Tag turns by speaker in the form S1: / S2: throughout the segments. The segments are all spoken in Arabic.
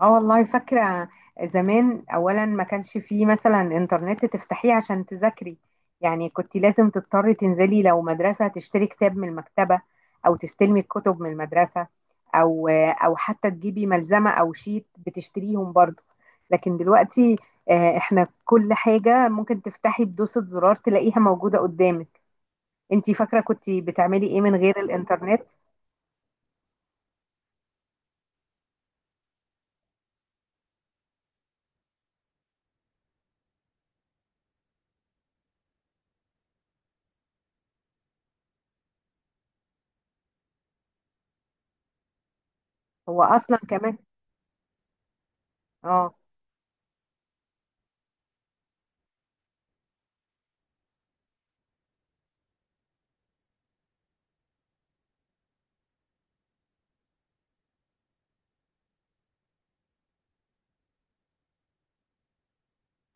S1: اه والله فاكرة. زمان اولا ما كانش فيه مثلا انترنت تفتحيه عشان تذاكري، يعني كنت لازم تضطري تنزلي لو مدرسة تشتري كتاب من المكتبة، او تستلمي الكتب من المدرسة، او حتى تجيبي ملزمة او شيت بتشتريهم برضو. لكن دلوقتي احنا كل حاجة ممكن تفتحي بدوسة زرار تلاقيها موجودة قدامك. انتي فاكرة كنت بتعملي ايه من غير الانترنت؟ هو اصلا كمان. اه،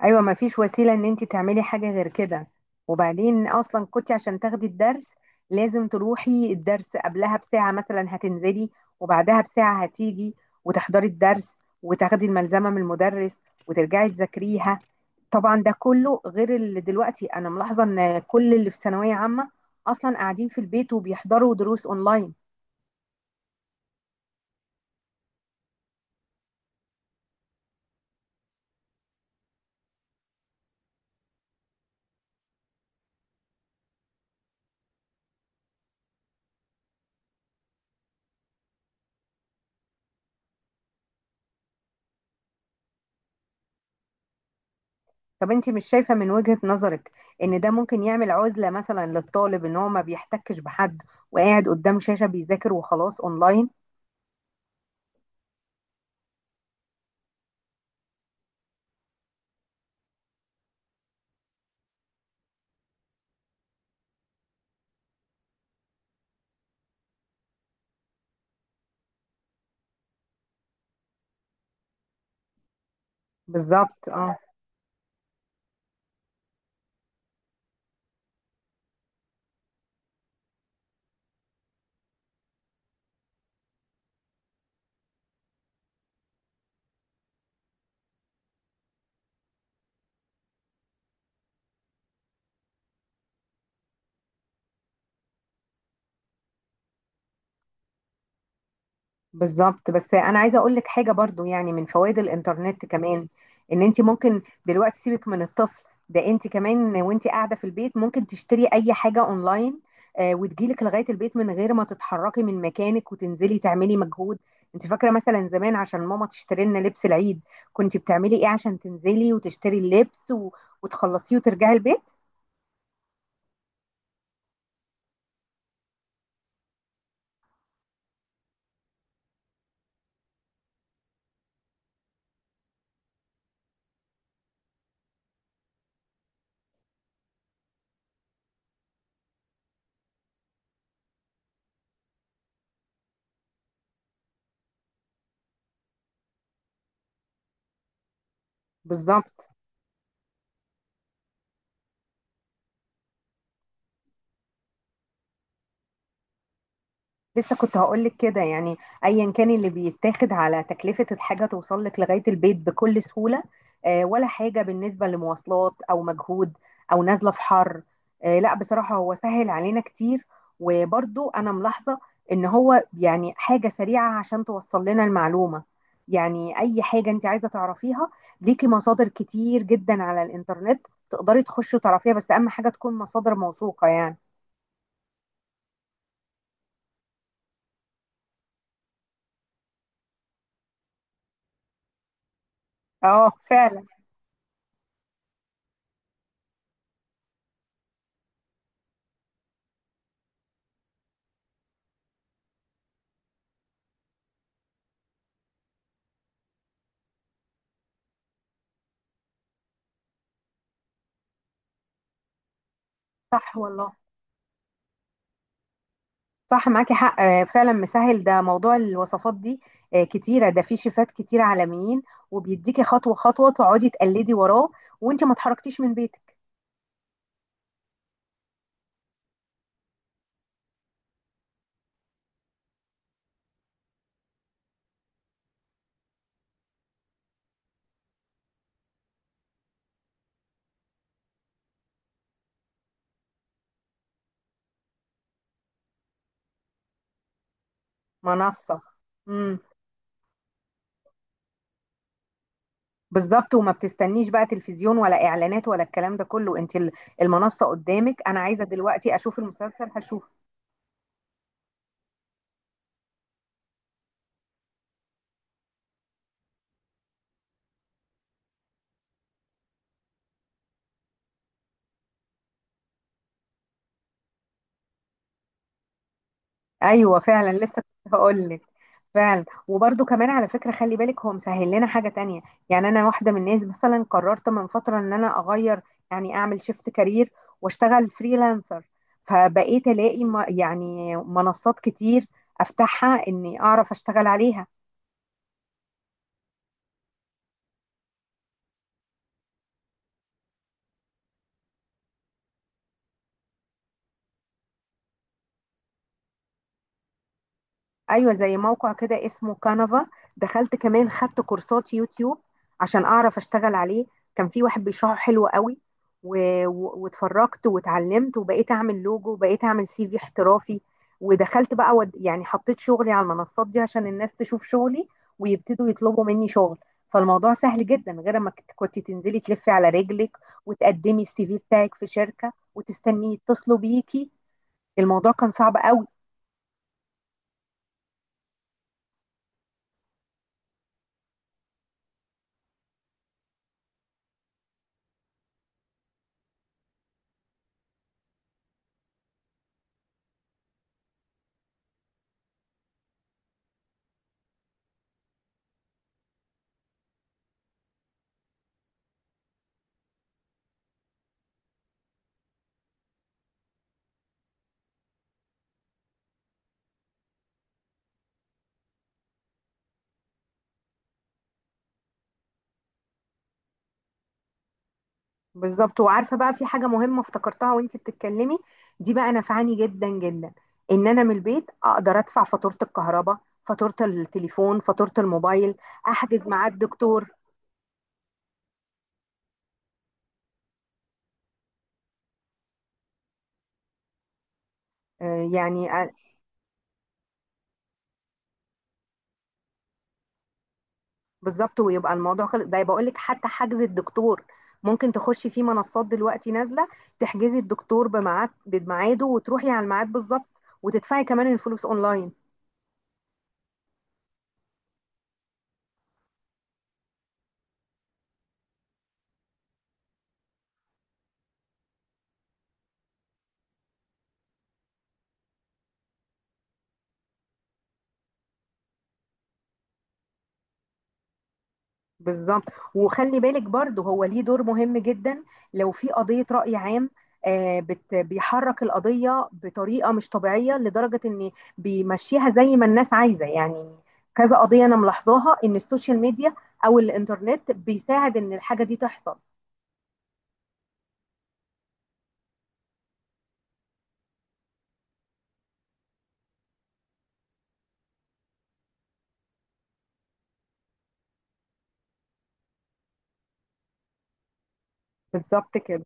S1: ايوه، ما فيش وسيله ان انت تعملي حاجه غير كده. وبعدين اصلا كنت عشان تاخدي الدرس لازم تروحي الدرس قبلها بساعه، مثلا هتنزلي وبعدها بساعه هتيجي وتحضري الدرس وتاخدي الملزمه من المدرس وترجعي تذاكريها. طبعا ده كله غير اللي دلوقتي انا ملاحظه ان كل اللي في ثانويه عامه اصلا قاعدين في البيت وبيحضروا دروس اونلاين. طب انت مش شايفة من وجهة نظرك ان ده ممكن يعمل عزلة مثلا للطالب، ان هو ما بيحتكش بحد وقاعد قدام شاشة بيذاكر وخلاص اونلاين؟ بالظبط، اه. بالظبط، بس انا عايزه اقول لك حاجه برضو يعني من فوائد الانترنت كمان، ان انت ممكن دلوقتي سيبك من الطفل، ده انت كمان وانت قاعده في البيت ممكن تشتري اي حاجه اونلاين وتجيلك لغايه البيت من غير ما تتحركي من مكانك وتنزلي تعملي مجهود. انت فاكره مثلا زمان عشان ماما تشتري لنا لبس العيد كنت بتعملي ايه عشان تنزلي وتشتري اللبس وتخلصيه وترجعي البيت؟ بالظبط. لسه كنت هقولك كده، يعني ايا كان اللي بيتاخد على تكلفة الحاجة توصل لك لغاية البيت بكل سهولة ولا حاجة بالنسبة لمواصلات او مجهود او نازلة في حر. لا بصراحة هو سهل علينا كتير. وبرضو انا ملاحظة ان هو يعني حاجة سريعة عشان توصل لنا المعلومة، يعني اي حاجة انت عايزة تعرفيها ليكي مصادر كتير جدا على الانترنت تقدري تخشي وتعرفيها، بس اهم حاجة تكون مصادر موثوقة يعني. اه، فعلا. صح والله. صح، معاكي حق، فعلا مسهل ده موضوع الوصفات دي. كتيرة، ده في شيفات كتير عالميين وبيديكي خطوة خطوة تقعدي تقلدي وراه وانت ما اتحركتيش من بيتك. منصة. امم. بالظبط، وما بتستنيش بقى تلفزيون ولا اعلانات ولا الكلام ده كله، انت المنصة قدامك، انا عايزة دلوقتي اشوف المسلسل هشوفه. ايوه، فعلا، لسه كنت هقول لك. فعلا، وبرده كمان على فكره خلي بالك هو مسهل لنا حاجه تانية. يعني انا واحده من الناس مثلا قررت من فتره ان انا اغير، يعني اعمل شيفت كارير واشتغل فريلانسر. فبقيت الاقي يعني منصات كتير افتحها اني اعرف اشتغل عليها. ايوه، زي موقع كده اسمه كانفا، دخلت كمان خدت كورسات يوتيوب عشان اعرف اشتغل عليه. كان في واحد بيشرحه حلو قوي و... واتفرجت واتعلمت وبقيت اعمل لوجو وبقيت اعمل سي في احترافي. ودخلت بقى يعني حطيت شغلي على المنصات دي عشان الناس تشوف شغلي ويبتدوا يطلبوا مني شغل. فالموضوع سهل جدا، غير ما كنت تنزلي تلفي على رجلك وتقدمي السي في بتاعك في شركة وتستني يتصلوا بيكي، الموضوع كان صعب قوي. بالظبط. وعارفه بقى في حاجه مهمه افتكرتها وانتي بتتكلمي، دي بقى نفعني جدا جدا، ان انا من البيت اقدر ادفع فاتوره الكهرباء، فاتوره التليفون، فاتوره الموبايل، احجز ميعاد دكتور. آه، يعني آه، بالظبط، ويبقى الموضوع خلص. ده بقول لك حتى حجز الدكتور ممكن تخشي في منصات دلوقتي نازله تحجزي الدكتور بميعاده وتروحي على الميعاد بالظبط وتدفعي كمان الفلوس اونلاين. بالظبط. وخلي بالك برضه هو ليه دور مهم جدا، لو في قضية رأي عام، بيحرك القضية بطريقة مش طبيعية لدرجة ان بيمشيها زي ما الناس عايزة يعني. كذا قضية انا ملاحظاها ان السوشيال ميديا او الانترنت بيساعد ان الحاجة دي تحصل. بالظبط كده.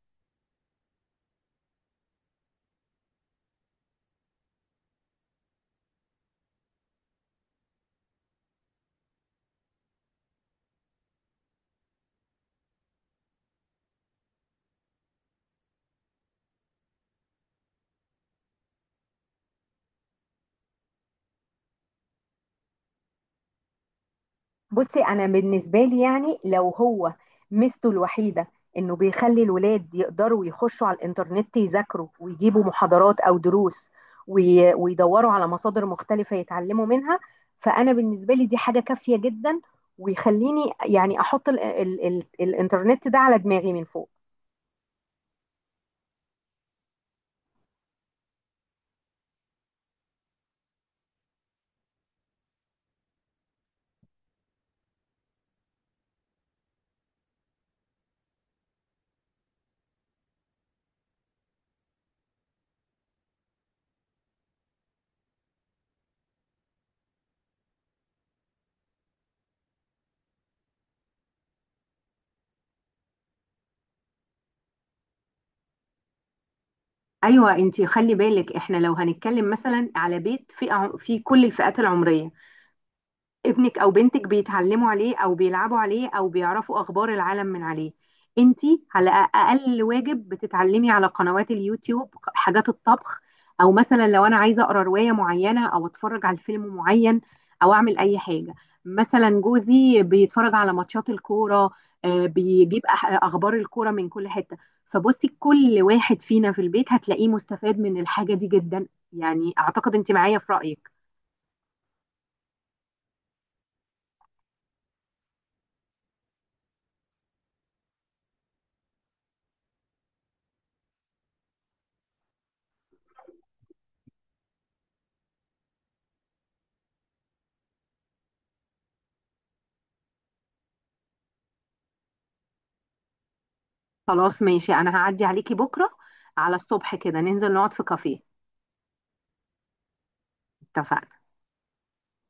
S1: بصي انا بالنسبه لي يعني لو هو ميزته الوحيده انه بيخلي الولاد يقدروا يخشوا على الانترنت يذاكروا ويجيبوا محاضرات او دروس ويدوروا على مصادر مختلفه يتعلموا منها، فانا بالنسبه لي دي حاجه كافيه جدا ويخليني يعني احط ال الانترنت ده على دماغي من فوق. ايوه انتي خلي بالك احنا لو هنتكلم مثلا على بيت فئه في كل الفئات العمريه، ابنك او بنتك بيتعلموا عليه او بيلعبوا عليه او بيعرفوا اخبار العالم من عليه، انتي على اقل واجب بتتعلمي على قنوات اليوتيوب حاجات الطبخ، او مثلا لو انا عايزه اقرا روايه معينه او اتفرج على فيلم معين او اعمل اي حاجه، مثلا جوزي بيتفرج على ماتشات الكوره، اخبار الكوره من كل حته. فبصي كل واحد فينا في البيت هتلاقيه مستفاد من الحاجه دي جدا، يعني اعتقد انت معايا في رايك. خلاص ماشي، انا هعدي عليكي بكره على الصبح كده ننزل نقعد في كافيه. اتفقنا.